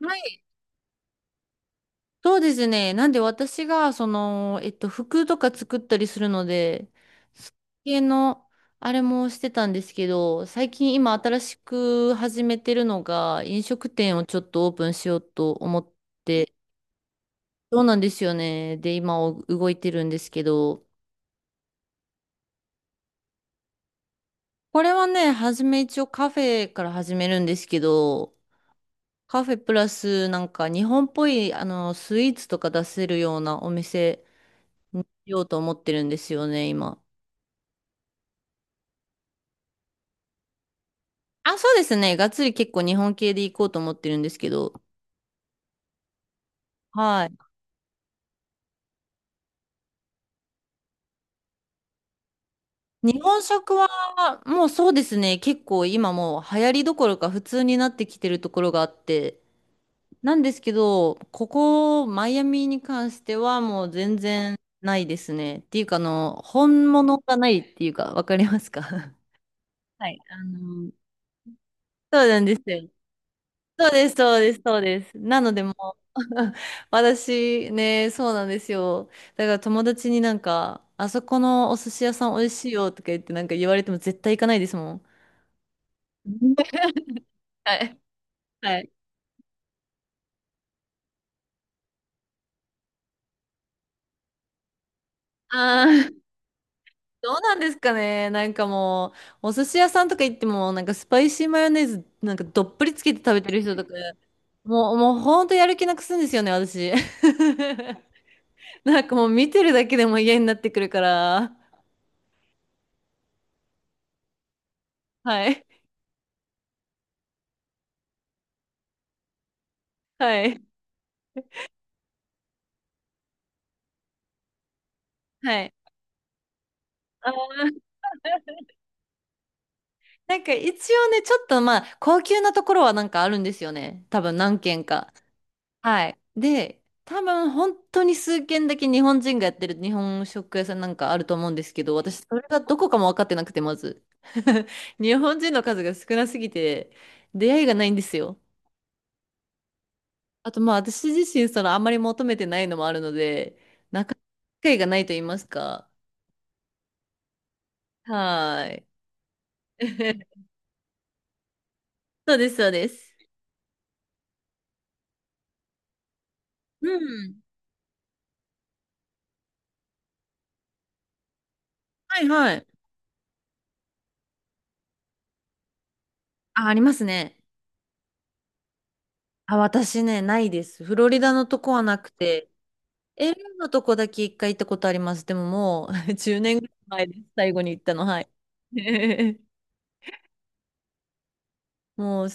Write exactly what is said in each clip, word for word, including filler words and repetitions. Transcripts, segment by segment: はい。そうですね。なんで私が、その、えっと、服とか作ったりするので、そ系の、あれもしてたんですけど、最近今新しく始めてるのが、飲食店をちょっとオープンしようと思って、そうなんですよね。で、今お動いてるんですけど、これはね、初め一応カフェから始めるんですけど、カフェプラスなんか日本っぽい、あの、スイーツとか出せるようなお店にしようと思ってるんですよね、今。あ、そうですね。がっつり結構日本系で行こうと思ってるんですけど。はい。日本食は、もうそうですね。結構今もう流行りどころか普通になってきてるところがあって。なんですけど、ここ、マイアミに関してはもう全然ないですね。っていうか、あの、本物がないっていうか、わかりますか？ はい。あの、そうなんですよ。そうです、そうです、そうです。なので、もう 私ね、そうなんですよ。だから友達になんか、あそこのお寿司屋さん美味しいよとか言ってなんか言われても絶対行かないですもん。はい。はい。ああ、どうなんですかね。なんかもう、お寿司屋さんとか行っても、なんかスパイシーマヨネーズなんかどっぷりつけて食べてる人とか、もう、もうほんとやる気なくすんですよね、私。なんかもう見てるだけでも嫌になってくるから。はい。はい。はい。ああ。なんか一応ね、ちょっとまあ、高級なところはなんかあるんですよね。多分何軒か。はい。で、多分本当に数軒だけ日本人がやってる日本食屋さんなんかあると思うんですけど、私それがどこかも分かってなくて、まず。日本人の数が少なすぎて、出会いがないんですよ。あとまあ、私自身そのあんまり求めてないのもあるので、なかなか機会がないと言いますか。はーい。そうです、そうです。うん。はいはい。あ、ありますね。あ、私ね、ないです。フロリダのとこはなくて、ールのとこだけ一回行ったことあります。でももう じゅうねんぐらい前です。最後に行ったの、はい。もう、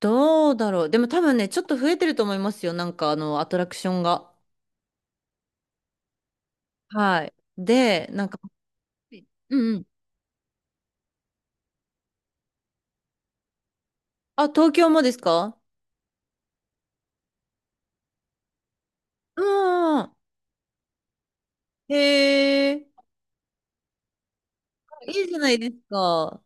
どうだろう。でも多分ね、ちょっと増えてると思いますよ。なんかあの、アトラクションが。はい。で、なんか、うんうん。あ、東京もですか？うんうん。へえ、いいじゃないですか。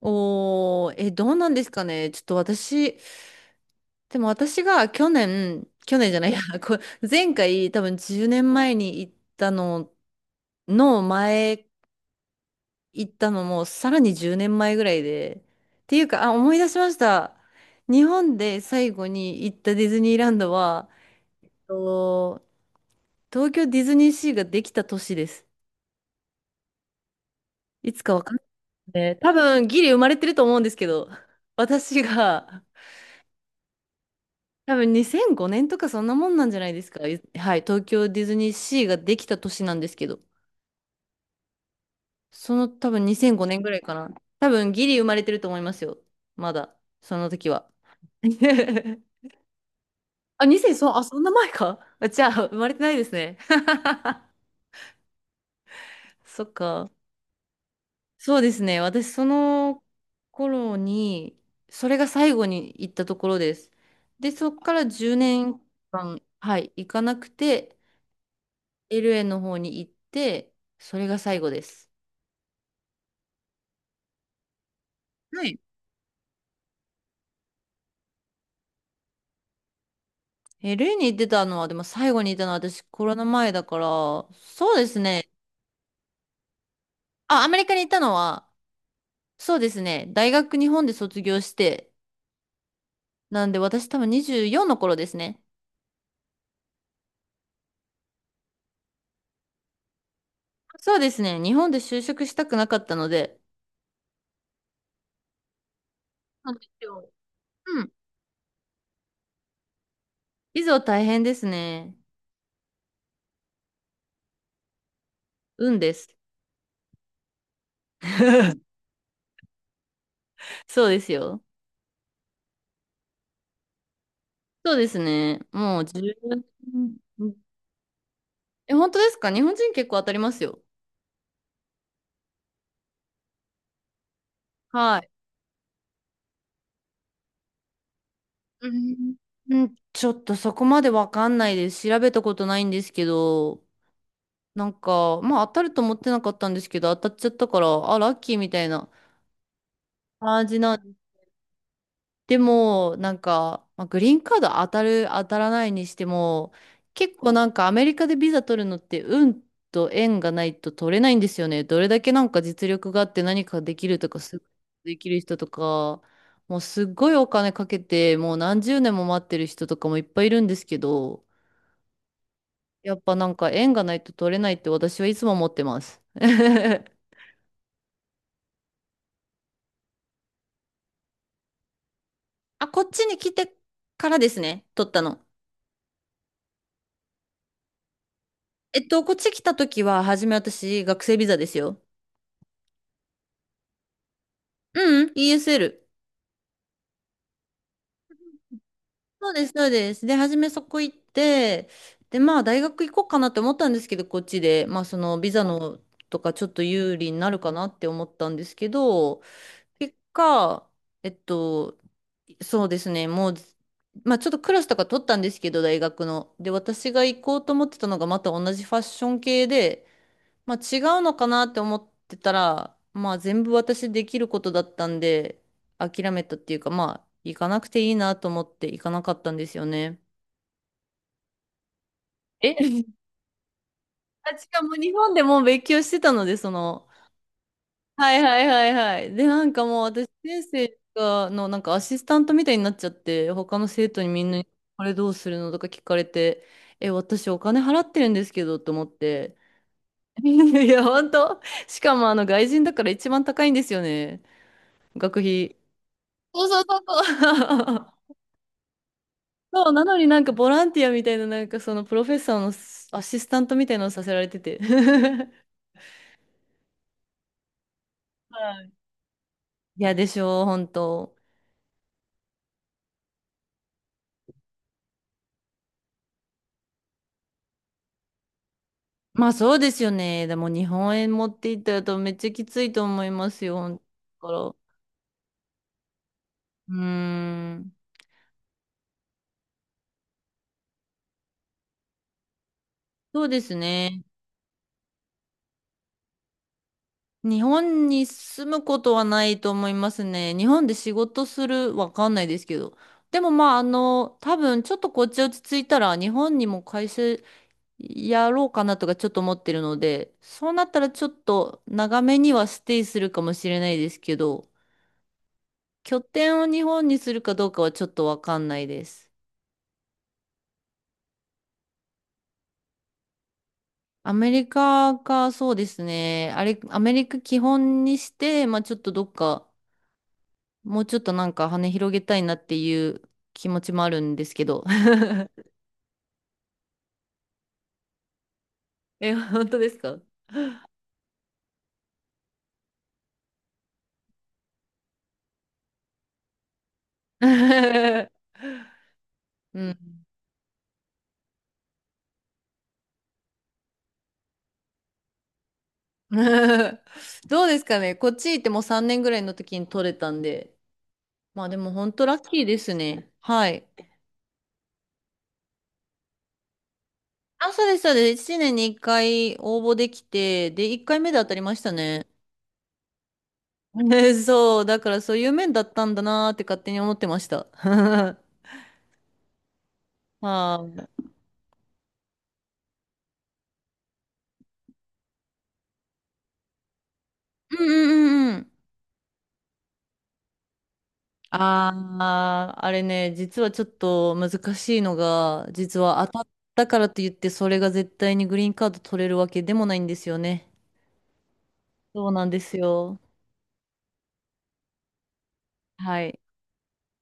おー、え、どうなんですかね。ちょっと私、でも私が去年、去年じゃないや、こ前回多分じゅうねんまえに行ったのの前行ったのもさらにじゅうねんまえぐらいで。っていうか、あ、思い出しました。日本で最後に行ったディズニーランドは、と東京ディズニーシーができた年です。いつかわかんないね。多分ギリ生まれてると思うんですけど、私が多分にせんごねんとかそんなもんなんじゃないですか。はい、東京ディズニーシーができた年なんですけど。その多分にせんごねんぐらいかな。多分ギリ生まれてると思いますよ。まだ。その時は。あ、にせん、そう、あ、そんな前か。あ、じゃあ、生まれてないですね。そっか。そうですね。私、その頃に、それが最後に行ったところです。で、そっからじゅうねんかん、はい、行かなくて、エルエー の方に行って、それが最後です。はいえ、ルエーに行ってたのは、でも最後にいたのは私コロナ前だから、そうですね。あ、アメリカに行ったのは、そうですね。大学日本で卒業して、なんで私多分にじゅうよんの頃ですね。そうですね。日本で就職したくなかったので。そうなんですよ。うん。いざ大変ですね。運です。そうですよ。そうですね。もうじゅう、え、本当ですか？日本人結構当たりますよ。はい。うん。うん、ちょっとそこまでわかんないです。調べたことないんですけど、なんか、まあ当たると思ってなかったんですけど、当たっちゃったから、あ、ラッキーみたいな感じなんで、でも、なんか、まあ、グリーンカード当たる、当たらないにしても、結構なんかアメリカでビザ取るのって運と縁がないと取れないんですよね。どれだけなんか実力があって何かできるとか、すできる人とか、もうすっごいお金かけて、もう何十年も待ってる人とかもいっぱいいるんですけど、やっぱなんか縁がないと取れないって私はいつも思ってます。あ、こっちに来てからですね、取ったの。えっと、こっち来た時は、初め私、学生ビザですよ。うん、イーエスエル。そうです、そうです。で、初めそこ行って、で、まあ、大学行こうかなって思ったんですけど、こっちで、まあ、その、ビザのとか、ちょっと有利になるかなって思ったんですけど、結果、えっと、そうですね。もう、まあちょっとクラスとか取ったんですけど、大学の。で、私が行こうと思ってたのがまた同じファッション系で、まあ違うのかなって思ってたら、まあ全部私できることだったんで、諦めたっていうか、まあ行かなくていいなと思って行かなかったんですよね。え、私がもう日本でもう勉強してたので、その、はいはいはいはい。で、なんかもう私、先生がのなんかアシスタントみたいになっちゃって、他の生徒にみんなに、これどうするのとか聞かれて、え、私お金払ってるんですけどと思って。いや、本当。しかもあの外人だから一番高いんですよね。学費。そうそうそうそう。そう、なのになんかボランティアみたいな、なんかそのプロフェッサーのアシスタントみたいなのをさせられてて。はいいや、でしょう、本当。まあそうですよね。でも日本円持っていったら多分めっちゃきついと思いますよ。本当だから。うーん。そうですね。日本に住むことはないと思いますね。日本で仕事する、わかんないですけど。でもまああの、多分ちょっとこっち落ち着いたら日本にも会社やろうかなとかちょっと思ってるので、そうなったらちょっと長めにはステイするかもしれないですけど、拠点を日本にするかどうかはちょっとわかんないです。アメリカか、そうですね。あれ、アメリカ基本にして、まあちょっとどっか、もうちょっとなんか羽広げたいなっていう気持ちもあるんですけど。え、本当ですか？ うん。どうですかね。こっち行ってもうさんねんぐらいの時に取れたんで。まあでも本当ラッキーですね。はい。あ、そうです、そうです。いちねんにいっかい応募できて、で、いっかいめで当たりましたね。ねそう、だからそういう面だったんだなーって勝手に思ってました。はい。うんうんうんうん。ああ、あれね、実はちょっと難しいのが、実は当たったからといって、それが絶対にグリーンカード取れるわけでもないんですよね。そうなんですよ。はい。